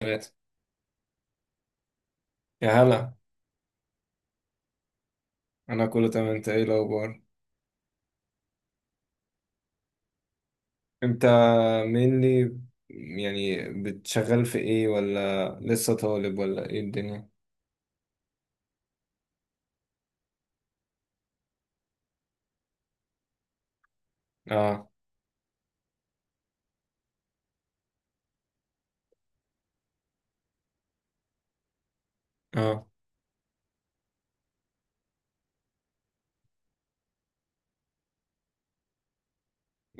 ثلاثة. يا هلا. أنا كله تمام، أنت إيه الأخبار؟ أنت مينلي يعني بتشغل في إيه ولا لسه طالب ولا إيه الدنيا؟ آه. آه.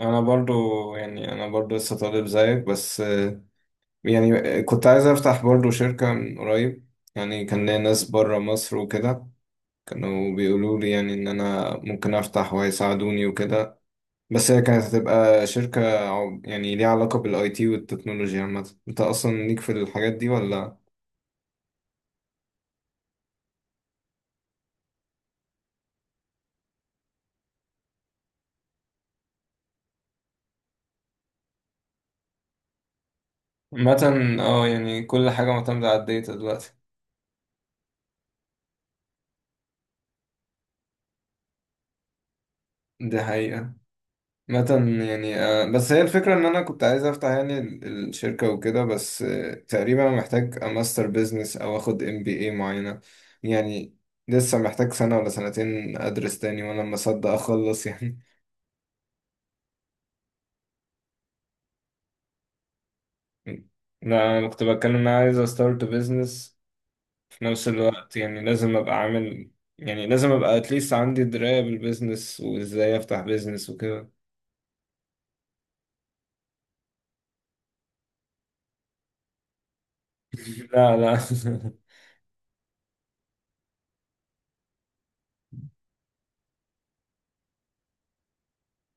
أنا برضو، يعني أنا برضو لسه طالب زيك بس يعني كنت عايز أفتح برضو شركة من قريب، يعني كان ليا ناس برا مصر وكده، كانوا بيقولوا لي يعني إن أنا ممكن أفتح وهيساعدوني وكده. بس هي كانت هتبقى شركة يعني ليها علاقة بالاي تي والتكنولوجيا. عامة انت اصلا ليك في الحاجات دي ولا؟ مثلا اه يعني كل حاجة معتمدة على الداتا دلوقتي. دي حقيقة. مثلا يعني بس هي الفكرة إن أنا كنت عايز أفتح يعني الشركة وكده، بس تقريبا محتاج ماستر بيزنس أو أخد ام بي اي معينة. يعني لسه محتاج سنة ولا سنتين أدرس تاني، وأنا لما أصدق أخلص يعني. لا أنا كنت بتكلم إن أنا عايز أستارت بيزنس، في نفس الوقت يعني لازم ابقى عامل، يعني لازم ابقى اتليست عندي دراية بالبيزنس وازاي افتح بيزنس وكده. لا لا.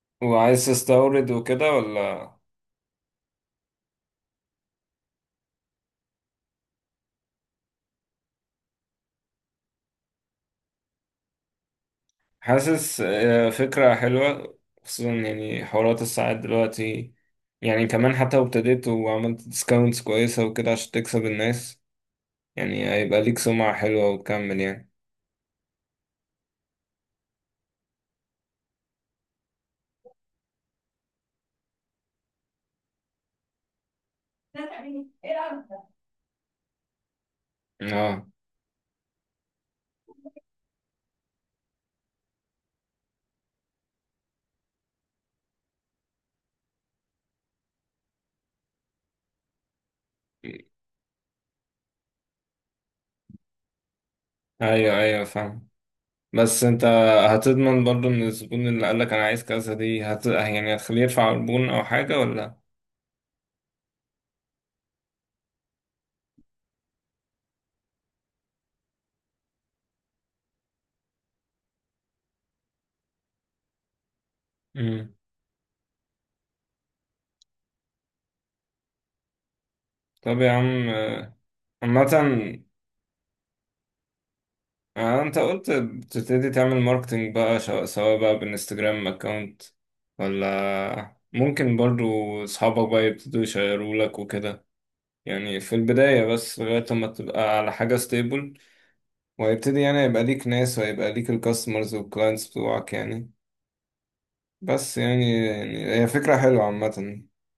وعايز تستورد وكده ولا؟ حاسس فكرة حلوة، خصوصا يعني حوارات الساعات دلوقتي. يعني كمان حتى لو ابتديت وعملت ديسكاونتس كويسة وكده عشان تكسب الناس، يعني هيبقى ليك سمعة حلوة وتكمل يعني. اه. ايوه ايوه فاهم. بس انت هتضمن برضو ان الزبون اللي قالك انا عايز كذا دي هت... يعني هتخليه يدفع عربون او حاجة ولا؟ مم. طب يا عم عامة انت قلت بتبتدي تعمل ماركتينج بقى سواء بقى بالانستجرام اكونت ولا ممكن برضو اصحابك بقى يبتدوا يشيرولك وكده، يعني في البداية بس لغاية لما تبقى على حاجة ستيبل وهيبتدي يعني يبقى ليك ناس وهيبقى ليك الكاستمرز والكلاينتس بتوعك يعني. بس يعني يعني هي فكرة حلوة عامة.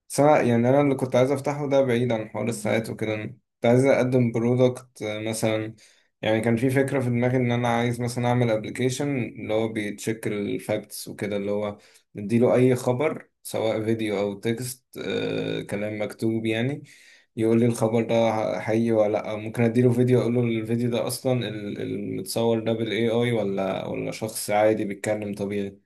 بس أنا يعني أنا اللي كنت عايز أفتحه ده بعيد عن حوار الساعات وكده، أنا كنت عايز أقدم برودكت مثلا. يعني كان في فكرة في دماغي إن أنا عايز مثلا أعمل أبلكيشن اللي هو بيتشيك الفاكتس وكده، اللي هو نديله أي خبر سواء فيديو أو تكست آه كلام مكتوب يعني، يقول لي الخبر ده حقيقي ولا لأ. ممكن أديله فيديو أقول له الفيديو ده أصلا المتصور ده بال AI ولا شخص عادي بيتكلم طبيعي.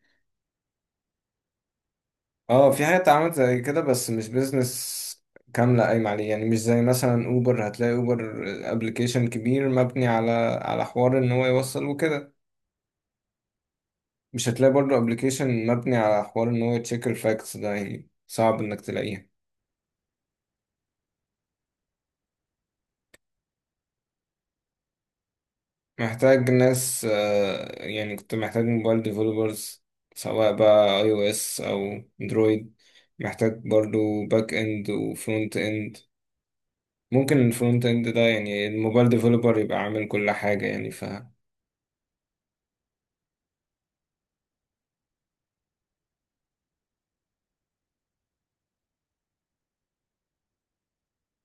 اه في حاجات اتعملت زي كده بس مش بيزنس كاملة قايمة عليه، يعني مش زي مثلا اوبر. هتلاقي اوبر ابلكيشن كبير مبني على على حوار ان هو يوصل وكده. مش هتلاقي برضه ابلكيشن مبني على حوار ان هو يتشيك الفاكتس، ده يعني صعب انك تلاقيه. محتاج ناس يعني كنت محتاج موبايل ديفلوبرز، سواء بقى اي او اس او اندرويد. محتاج برضه باك اند وفرونت اند. ممكن الفرونت اند ده يعني الموبايل ديفلوبر يبقى عامل كل حاجة يعني ف...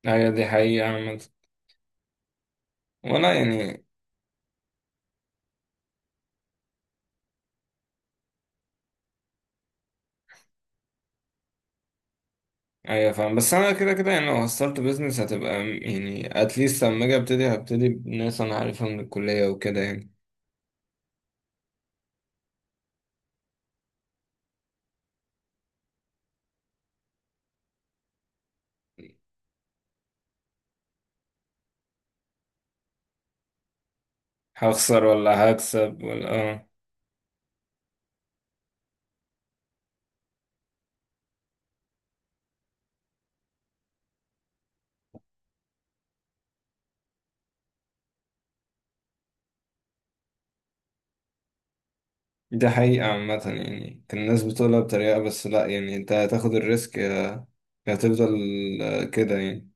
ايوه دي حقيقة عامة. ولا يعني ايوه فاهم. بس انا كده كده يعني لو هستارت بيزنس هتبقى يعني اتليست لما اجي ابتدي هبتدي بناس انا عارفها من الكلية وكده يعني. هخسر ولا هكسب ولا اه. دي حقيقة عامة، يعني كان الناس بتقولها بطريقة، بس لا يعني انت هتاخد الريسك يا هتفضل كده يعني.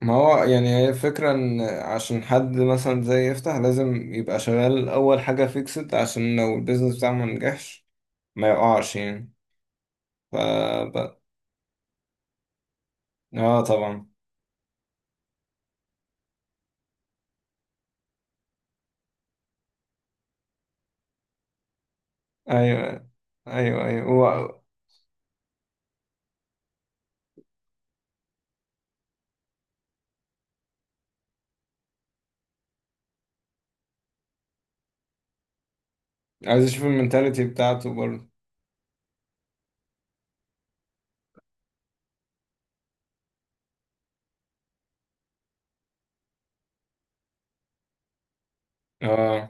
ما هو يعني هي فكرة ان عشان حد مثلا زي يفتح لازم يبقى شغال اول حاجة فيكسد عشان لو البيزنس بتاعه ما نجحش ما يقعش يعني ف... اه طبعا. ايوه ايوه ايوه هو. عايز اشوف المنتاليتي بتاعته برضه. اه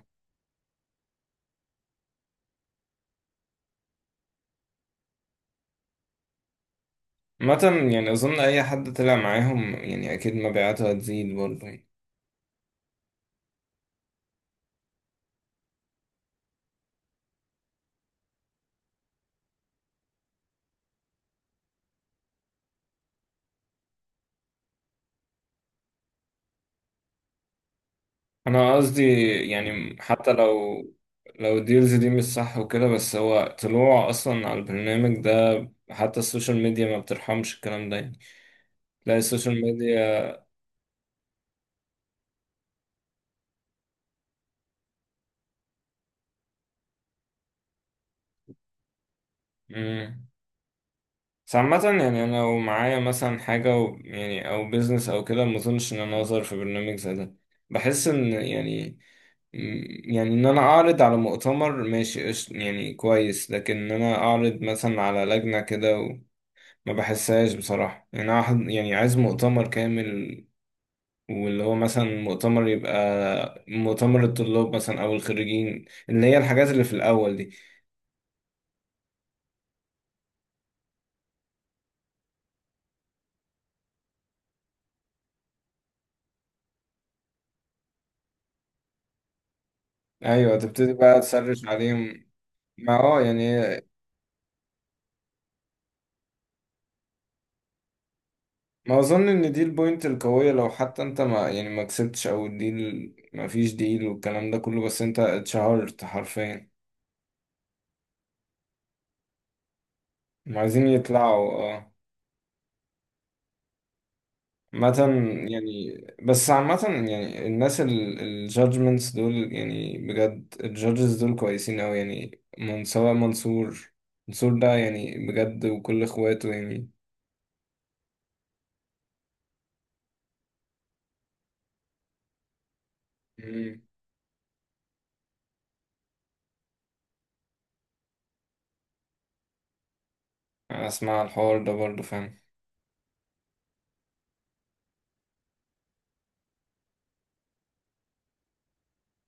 مثلا يعني اظن اي حد طلع معاهم يعني اكيد مبيعاته هتزيد برضه يعني. انا قصدي يعني حتى لو الديلز دي مش صح وكده، بس هو طلوع اصلا على البرنامج ده، حتى السوشيال ميديا ما بترحمش الكلام ده يعني. تلاقي السوشيال ميديا. بس عامة يعني أنا لو معايا مثلا حاجة و يعني أو بيزنس أو كده، ما أظنش إن أنا أظهر في برنامج زي ده. بحس إن يعني يعني إن أنا أعرض على مؤتمر ماشي يعني كويس، لكن إن أنا أعرض مثلا على لجنة كده و-، ما بحسهاش بصراحة يعني. أنا يعني عايز مؤتمر كامل، واللي هو مثلا مؤتمر يبقى مؤتمر الطلاب مثلا أو الخريجين، اللي هي الحاجات اللي في الأول دي. أيوة تبتدي بقى تسرش عليهم. ما اه يعني ما اظن ان دي البوينت القويه، لو حتى انت ما يعني ما كسبتش او الديل ما فيش ديل والكلام ده كله، بس انت اتشهرت حرفيا. هم عايزين يطلعوا اه. عامة يعني. بس عامة يعني الناس الجادجمنتس دول يعني بجد الجادجز دول كويسين أوي يعني، من سواء منصور. منصور ده يعني بجد، وكل اخواته يعني. مم. أنا أسمع الحوار ده برضه فاهم.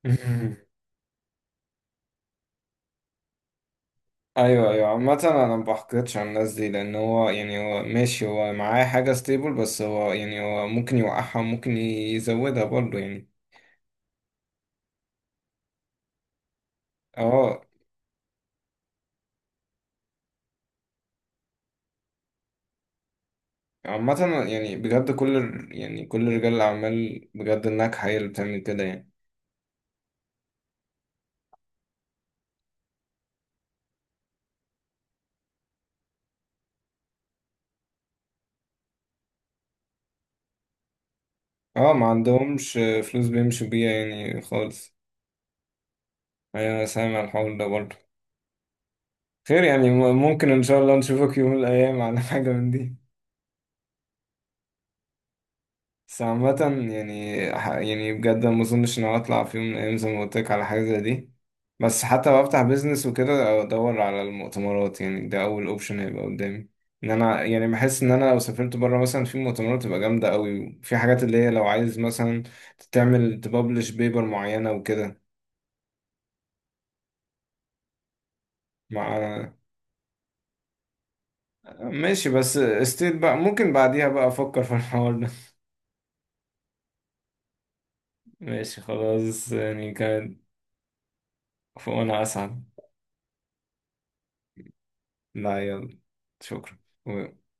ايوه ايوه. عامة انا ما بحقدش على الناس دي لان هو يعني هو ماشي، هو معاه حاجة ستيبل، بس هو يعني هو ممكن يوقعها وممكن يزودها برضه يعني. اه عامة يعني بجد يعني كل رجال الاعمال بجد الناجحة هي اللي بتعمل كده يعني. اه ما عندهمش فلوس بيمشوا بيها يعني خالص. ايوه انا سامع الحوار ده برضه. خير يعني ممكن ان شاء الله نشوفك يوم من الايام على حاجة من دي. بس عامة يعني يعني بجد ما اظنش ان أنا اطلع في يوم من الايام زي ما قلت لك على حاجة زي دي. بس حتى لو افتح بيزنس وكده ادور على المؤتمرات يعني ده اول اوبشن هيبقى قدامي. ان انا يعني بحس ان انا لو سافرت بره مثلا في مؤتمرات تبقى جامدة قوي، وفي حاجات اللي هي لو عايز مثلا تعمل تببلش بيبر معينة وكده. مع ماشي، بس استيت بقى ممكن بعديها بقى افكر في الحوار ده. ماشي خلاص يعني كان. وانا اسعد. لا يلا، شكرا.